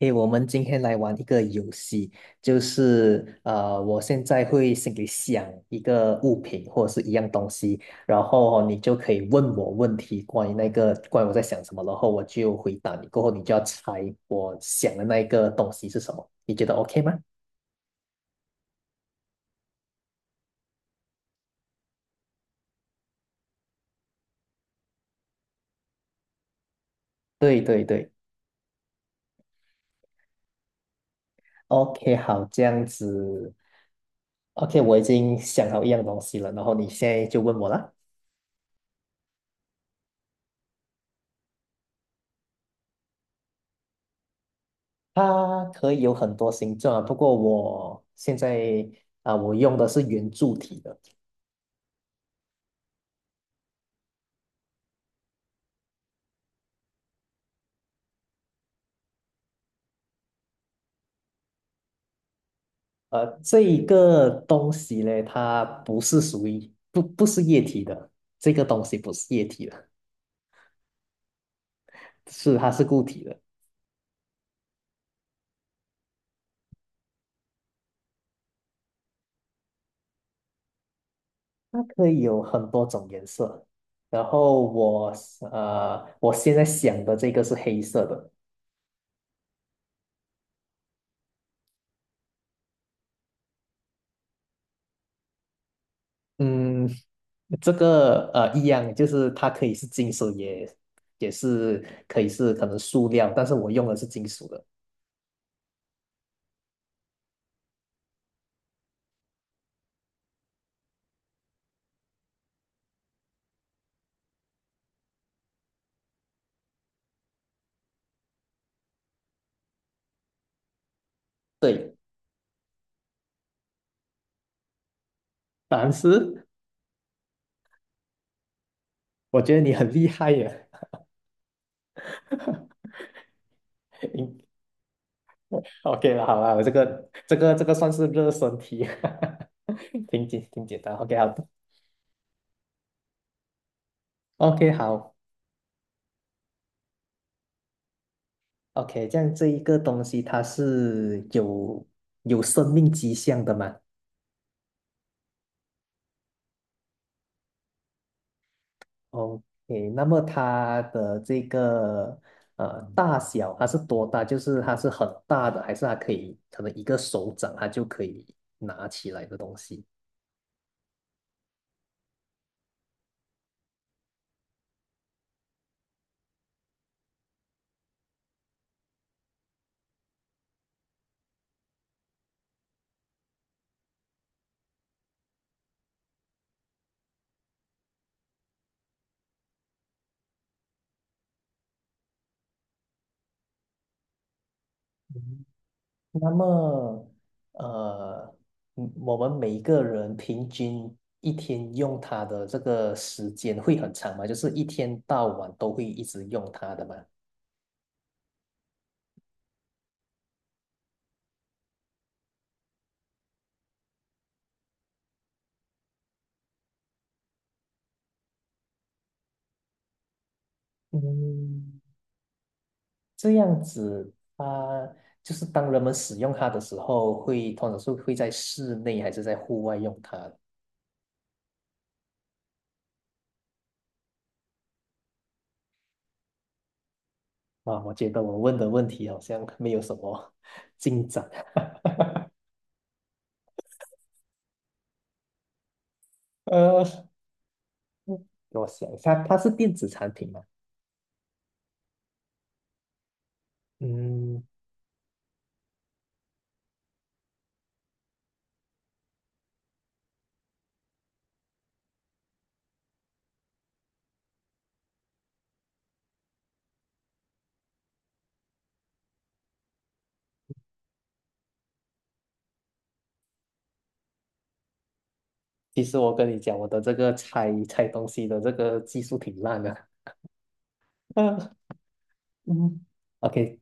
诶，我们今天来玩一个游戏，就是我现在会心里想一个物品或者是一样东西，然后你就可以问我问题，关于我在想什么，然后我就回答你，过后你就要猜我想的那个东西是什么，你觉得 OK 吗？对对对，OK，好，这样子，OK，我已经想好一样东西了，然后你现在就问我啦。它可以有很多形状啊，不过我现在我用的是圆柱体的。这一个东西呢，它不是属于不是液体的，这个东西不是液体的，是它是固体的。它可以有很多种颜色。然后我现在想的这个是黑色的。嗯，这个一样，就是它可以是金属也，也是可以是可能塑料，但是我用的是金属的。对，但是我觉得你很厉害耶。OK 了，好了，我这个算是热身题，挺简单。OK，好的，OK 好，OK，这样这一个东西它是有有生命迹象的嘛？OK，那么它的这个大小它是多大？就是它是很大的，还是它可以可能一个手掌它就可以拿起来的东西？那么，呃，我们每一个人平均一天用它的这个时间会很长吗？就是一天到晚都会一直用它的吗？嗯，这样子，它就是当人们使用它的时候会，通常是会在室内还是在户外用它啊，我觉得我问的问题好像没有什么 进展。呃，给我想一下，它是电子产品吗？嗯，其实我跟你讲，我的这个拆东西的这个技术挺烂的。啊嗯，OK，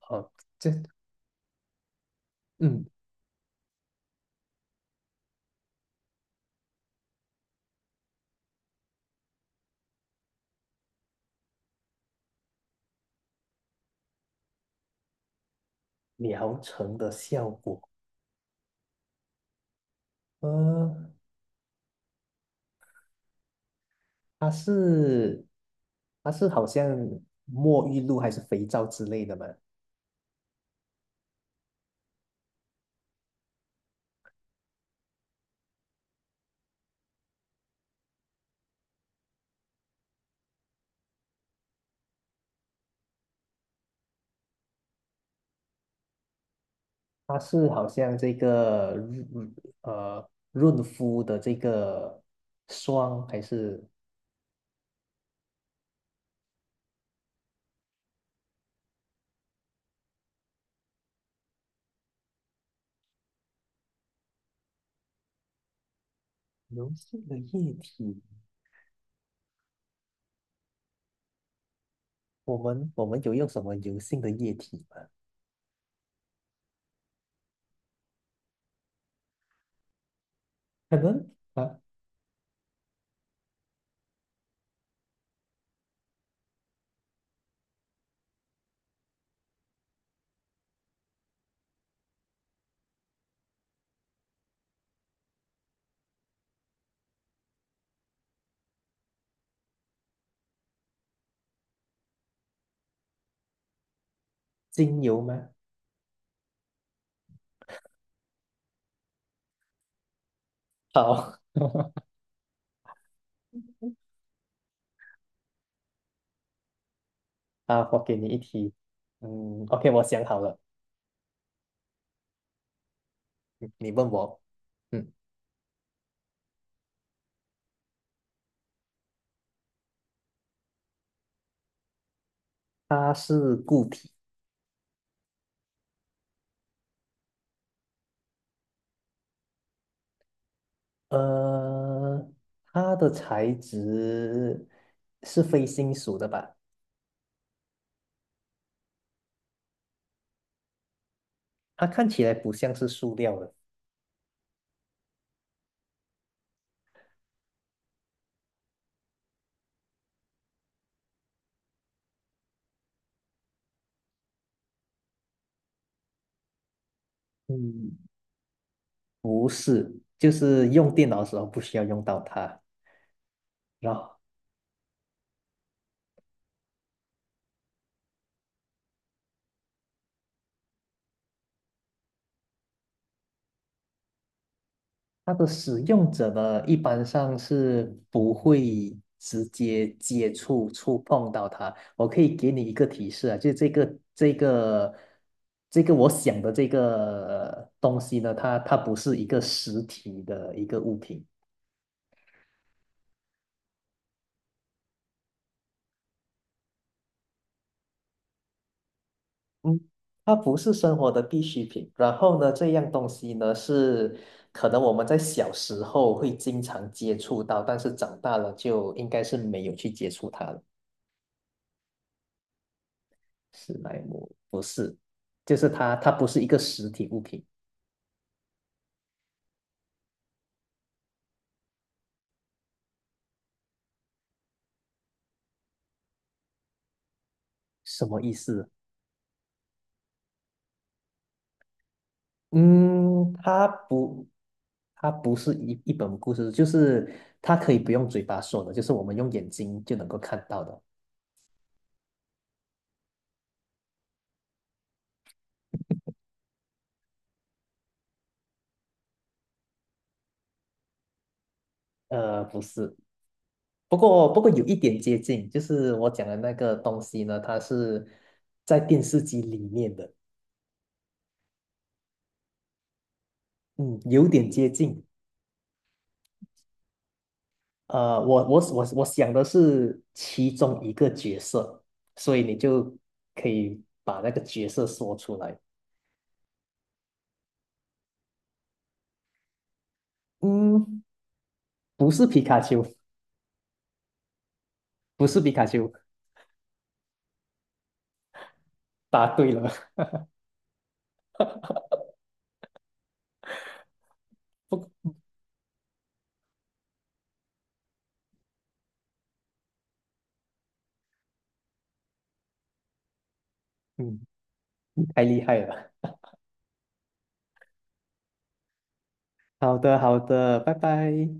好，这嗯，疗程的效果，呃，它是好像沐浴露还是肥皂之类的嘛？它是好像这个润肤的这个霜还是油性的液体？我们有用什么油性的液体吗？可能啊，精油吗？好，啊，我给你一题。嗯，OK，我想好了，你问我。嗯，它是固体，呃，它的材质是非金属的吧？它看起来不像是塑料的。嗯，不是，就是用电脑的时候不需要用到它。然它的使用者呢，一般上是不会直接接触、触碰到它。我可以给你一个提示啊，就是这个我想的这个东西呢，它它不是一个实体的一个物品，嗯，它不是生活的必需品。然后呢，这样东西呢是可能我们在小时候会经常接触到，但是长大了就应该是没有去接触它了。史莱姆不是，就是它，它不是一个实体物品，什么意思？嗯，它不，它不是一本故事，就是它可以不用嘴巴说的，就是我们用眼睛就能够看到的。不是，不过有一点接近，就是我讲的那个东西呢，它是在电视机里面的，嗯，有点接近。我想的是其中一个角色，所以你就可以把那个角色说出来。嗯，不是皮卡丘，不是皮卡丘，答对了，不，嗯，太厉害了。好的，好的，拜拜。